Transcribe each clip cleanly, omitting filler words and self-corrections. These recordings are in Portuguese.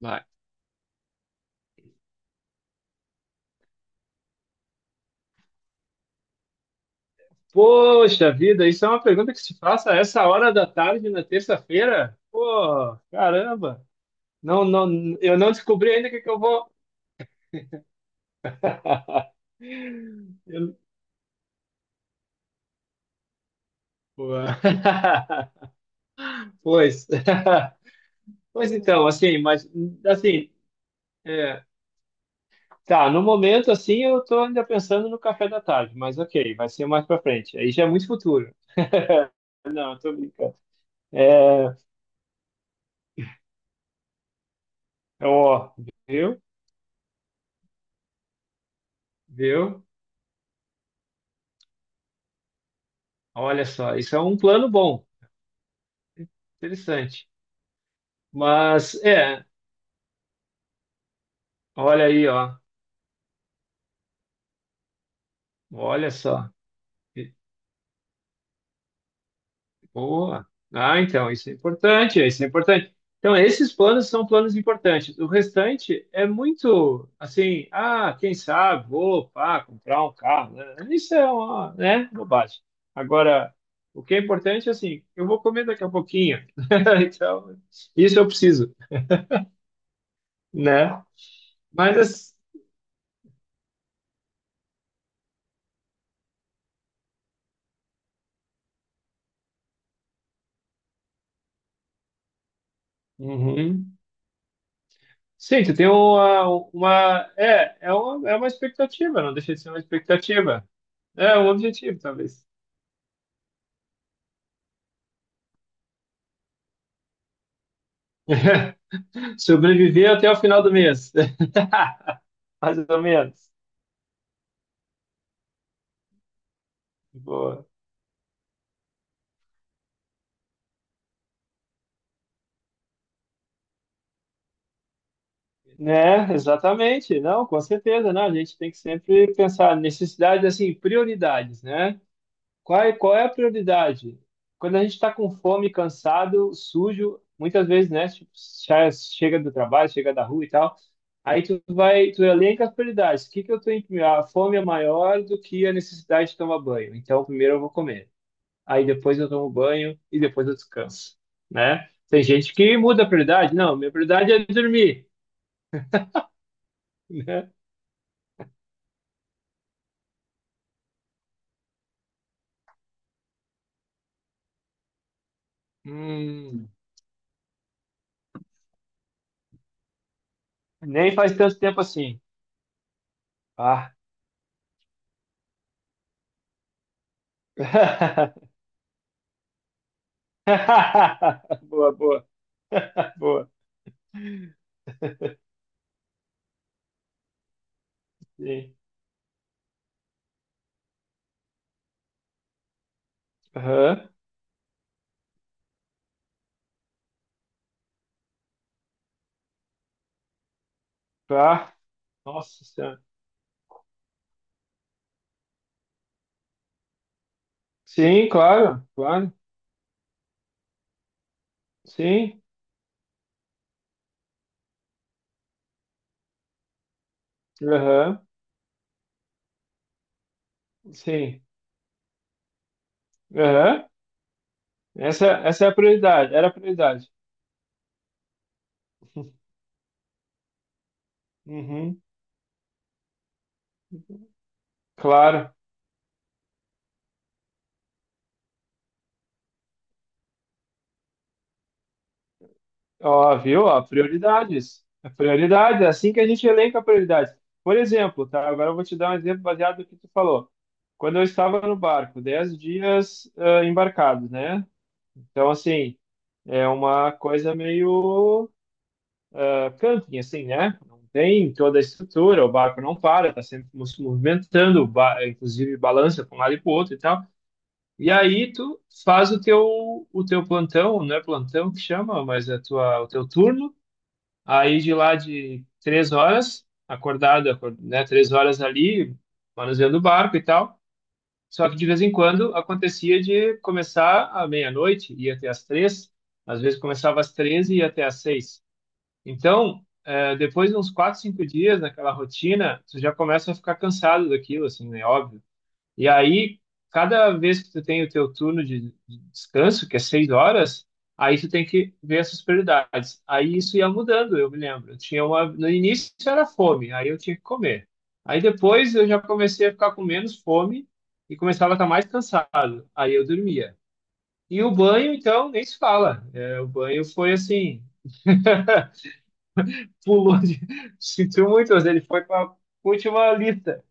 Vai. Poxa vida, isso é uma pergunta que se faça a essa hora da tarde na terça-feira? Pô, caramba! Não, não, eu não descobri ainda o que que eu vou. Eu- Pô. Pois. Pois então, assim, mas assim, é, tá, no momento assim eu tô ainda pensando no café da tarde, mas ok, vai ser mais pra frente. Aí já é muito futuro. Não, eu tô brincando. É, ó, viu? Viu? Olha só, isso é um plano bom. Interessante. Mas, é, olha aí, ó. Olha só. E- Boa. Ah, então, isso é importante, isso é importante. Então, esses planos são planos importantes. O restante é muito, assim, ah, quem sabe, vou, pá, comprar um carro, né? Isso é uma, né, bobagem. Agora, o que é importante é assim, eu vou comer daqui a pouquinho. Então, isso eu preciso, né? Mas, assim, sim, você tem uma é uma expectativa, não deixa de ser uma expectativa. É um objetivo, talvez. Sobreviver até o final do mês. Mais ou menos. Boa. Né, exatamente. Não, com certeza, né? A gente tem que sempre pensar necessidades, assim, prioridades, né? Qual é a prioridade? Quando a gente está com fome, cansado, sujo, muitas vezes, né? Tipo, já chega do trabalho, chega da rua e tal. Aí tu vai, tu elenca as prioridades. O que que eu tenho que... A fome é maior do que a necessidade de tomar banho. Então, primeiro eu vou comer. Aí depois eu tomo banho e depois eu descanso, né? Tem gente que muda a prioridade. Não, minha prioridade é dormir, né? Hum, nem faz tanto tempo assim. Ah. Boa, boa, boa. Sim. Aham. Pá. Nossa Senhora. Sim, claro, claro. Sim. Aham. Sim. Aham. Essa é a prioridade. Era a prioridade. Uhum. Claro. Ó, viu? Ó, prioridades. É prioridade, é assim que a gente elenca prioridades. Por exemplo, tá? Agora eu vou te dar um exemplo baseado no que tu falou. Quando eu estava no barco, 10 dias ah, embarcado, né? Então, assim, é uma coisa meio ah, camping, assim, né? Não tem toda a estrutura, o barco não para, tá sempre se movimentando, inclusive balança para um lado e para o outro e tal. E aí tu faz o teu plantão, não é plantão que chama, mas é a tua, o teu turno. Aí de lá de 3 horas, né? 3 horas ali, manuseando o barco e tal. Só que de vez em quando acontecia de começar à meia-noite, ia até às 3, às vezes começava às 13 e ia até às 6. Então, é, depois de uns 4, 5 dias naquela rotina, tu já começa a ficar cansado daquilo, assim, né? Óbvio. E aí, cada vez que tu tem o teu turno de descanso, que é 6 horas, aí tu tem que ver essas prioridades. Aí isso ia mudando, eu me lembro. Eu tinha uma, no início era fome, aí eu tinha que comer. Aí depois eu já comecei a ficar com menos fome e começava a estar mais cansado. Aí eu dormia. E o banho, então, nem se fala. É, o banho foi assim. Pulou de, sentiu muito, mas ele foi para a última lista.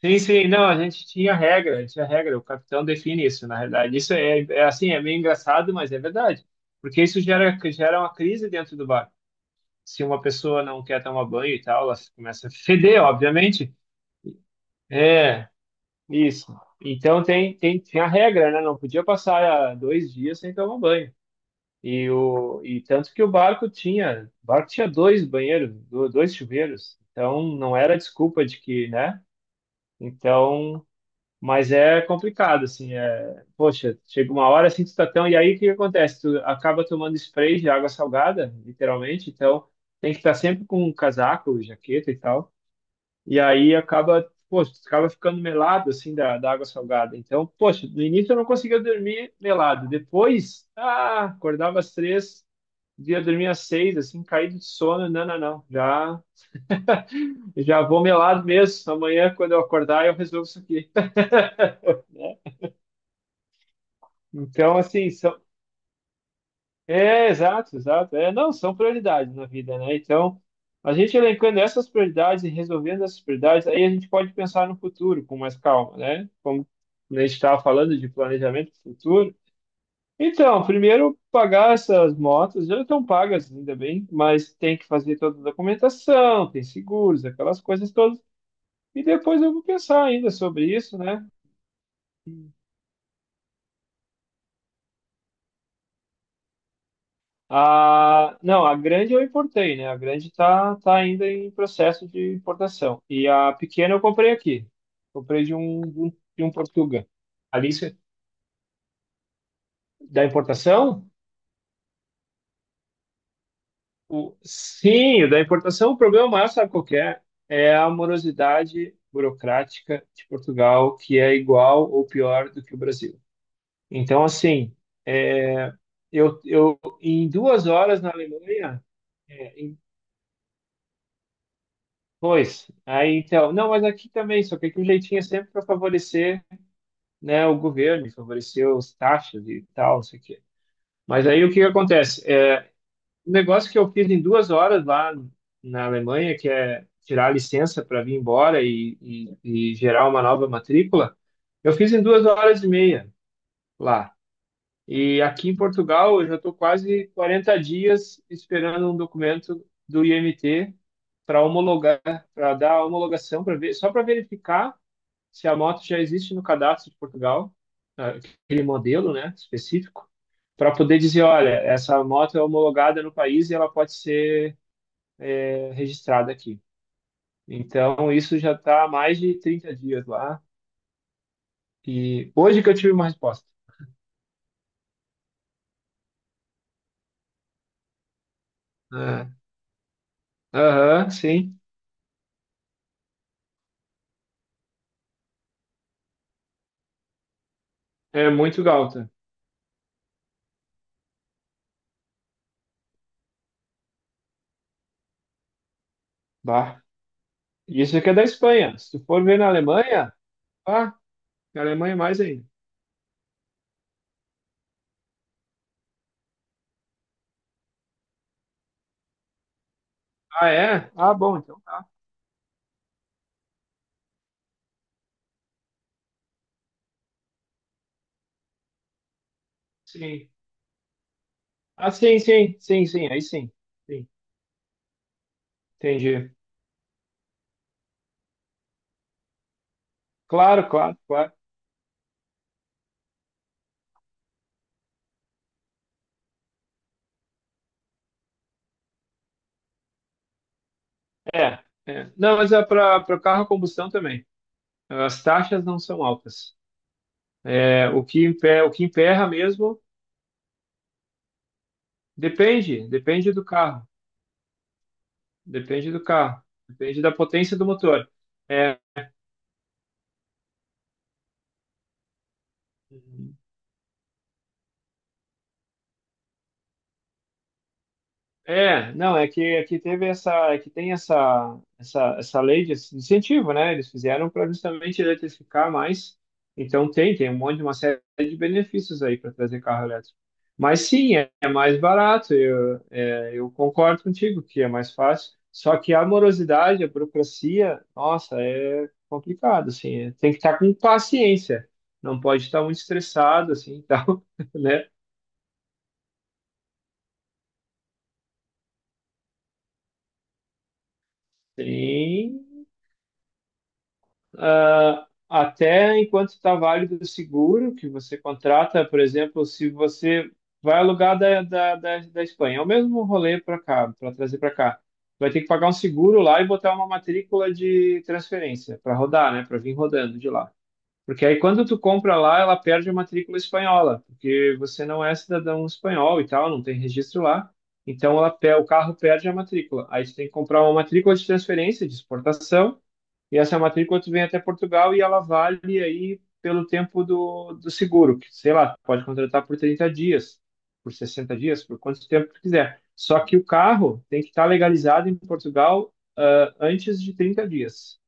Sim, sim, não, a gente tinha regra, o capitão define isso, na realidade. Isso é, é assim, é meio engraçado, mas é verdade, porque isso gera, gera uma crise dentro do bar. Se uma pessoa não quer tomar banho e tal, ela começa a feder, obviamente. É, isso. Então tinha a regra, né? Não podia passar 2 dias sem tomar banho. E, o, e tanto que o barco tinha dois banheiros, dois chuveiros. Então não era desculpa de que, né? Então, mas é complicado, assim, é, poxa, chega uma hora assim, tu tá tão, e aí o que que acontece? Tu acaba tomando spray de água salgada, literalmente, então tem que estar sempre com um casaco, jaqueta e tal. E aí acaba, poxa, tu acaba ficando melado, assim, da água salgada. Então, poxa, no início eu não conseguia dormir melado. Depois, ah, acordava às 3 Dia dormir às 6, assim, caído de sono. Não, não, não. Já vou melado mesmo. Amanhã, quando eu acordar, eu resolvo isso aqui, né? Então, assim, são... É, exato, exato. É, não, são prioridades na vida, né? Então, a gente elencando essas prioridades e resolvendo essas prioridades, aí a gente pode pensar no futuro com mais calma, né? Como a gente estava falando de planejamento futuro. Então, primeiro pagar essas motos, já estão pagas, ainda bem, mas tem que fazer toda a documentação, tem seguros, aquelas coisas todas. E depois eu vou pensar ainda sobre isso, né? A, não, a grande eu importei, né? A grande tá, tá ainda em processo de importação. E a pequena eu comprei aqui. Comprei de um Portuga. Ali, da importação? O, sim, o da importação, o problema maior, sabe qual que é? É a morosidade burocrática de Portugal, que é igual ou pior do que o Brasil. Então, assim, é, eu em 2 horas na Alemanha, pois, aí então, não, mas aqui também, só que aqui o jeitinho é sempre para favorecer, né, o governo, favorecer os taxas e tal, não sei o quê. Mas aí o que que acontece? É, um negócio que eu fiz em 2 horas lá na Alemanha, que é tirar a licença para vir embora e gerar uma nova matrícula, eu fiz em 2 horas e meia lá. E aqui em Portugal, eu já estou quase 40 dias esperando um documento do IMT para homologar, para dar a homologação, para ver, só para verificar se a moto já existe no cadastro de Portugal, ah, aquele modelo, né, específico, para poder dizer, olha, essa moto é homologada no país e ela pode ser eh, registrada aqui. Então, isso já está há mais de 30 dias lá. E hoje que eu tive uma resposta. É. Aham, sim. É muito galta. Bah. Isso aqui é da Espanha. Se tu for ver na Alemanha, ah, na Alemanha é mais ainda. Ah, é? Ah, bom, então, tá. Sim. Ah, sim, sim, sim, sim, aí sim. Sim, entendi. Claro, claro, claro. É, é. Não, mas é para carro a combustão também. As taxas não são altas. É, o que emperra mesmo depende, depende do carro, depende do carro, depende da potência do motor. É, é, não, é que teve essa, é que tem essa lei de incentivo, né? Eles fizeram para justamente eletrificar mais. Então tem um monte, uma série de benefícios aí para trazer carro elétrico. Mas sim, é, é mais barato. Eu, é, eu concordo contigo que é mais fácil. Só que a morosidade, a burocracia, nossa, é complicado, assim. Tem que estar com paciência. Não pode estar muito estressado, assim, tal, né? Sim. Ah, até enquanto está válido o seguro que você contrata, por exemplo, se você vai alugar da Espanha, é o mesmo rolê para cá, para trazer para cá. Vai ter que pagar um seguro lá e botar uma matrícula de transferência para rodar, né? Para vir rodando de lá. Porque aí quando tu compra lá, ela perde a matrícula espanhola, porque você não é cidadão espanhol e tal, não tem registro lá. Então ela, o carro perde a matrícula. Aí você tem que comprar uma matrícula de transferência, de exportação, e essa matrícula tu vem até Portugal e ela vale aí pelo tempo do, do seguro, que sei lá, pode contratar por 30 dias, por 60 dias, por quanto tempo tu quiser. Só que o carro tem que estar legalizado em Portugal, ah, antes de 30 dias.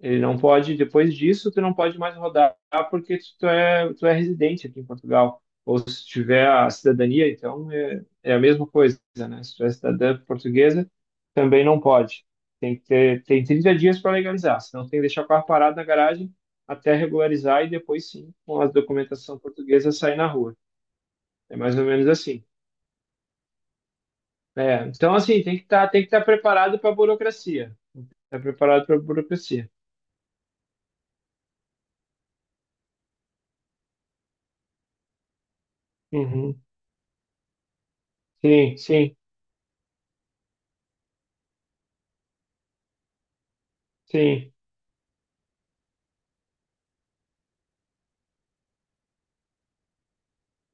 Ele não pode, depois disso, tu não pode mais rodar porque tu é residente aqui em Portugal. Ou se tiver a cidadania, então é, é a mesma coisa, né? Se tu é cidadã portuguesa, também não pode. Tem que ter, tem 30 dias para legalizar, senão tem que deixar o carro parado na garagem até regularizar e depois sim, com a documentação portuguesa, sair na rua. É mais ou menos assim. É, então, assim, tem que tá preparado para a burocracia. Está preparado para a burocracia. Uhum. Sim, sim, sim.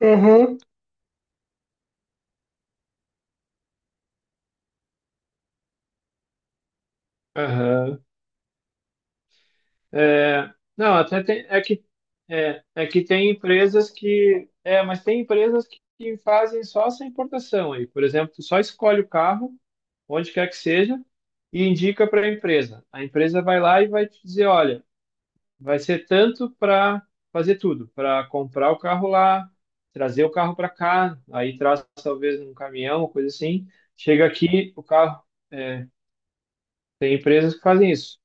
Uhum. Aham. É, não, até tem, é que é, é que tem empresas que que fazem só essa importação aí. Por exemplo, tu só escolhe o carro, onde quer que seja, e indica para a empresa. A empresa vai lá e vai te dizer, olha, vai ser tanto para fazer tudo, para comprar o carro lá, trazer o carro para cá, aí traz talvez num caminhão, coisa assim. Chega aqui, o carro, é, tem empresas que fazem isso.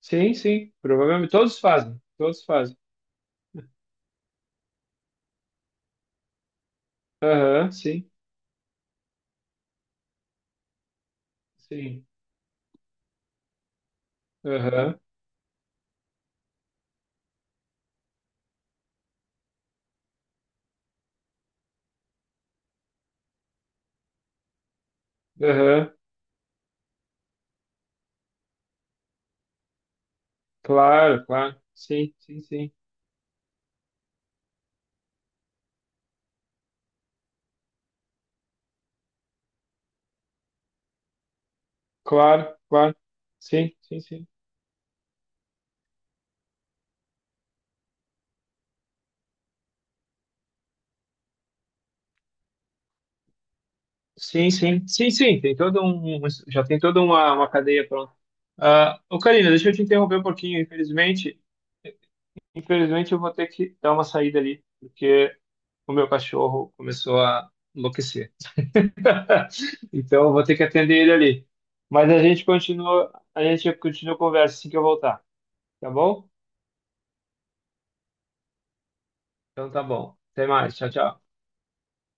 Sim, sim, provavelmente todos fazem, todos fazem. Aham, sim, sim. Aham, aham, claro, claro. Sim, sim, sim. Claro, claro. Sim, sim, sim. Sim, sim, sim, sim, tem todo um, já tem toda uma cadeia pronta. Ah, ô Karina, deixa eu te interromper um pouquinho, infelizmente, infelizmente eu vou ter que dar uma saída ali, porque o meu cachorro começou a enlouquecer. Então eu vou ter que atender ele ali. Mas a gente continua, a gente continua a conversa assim que eu voltar. Tá bom? Então tá bom. Até mais. Tchau, tchau.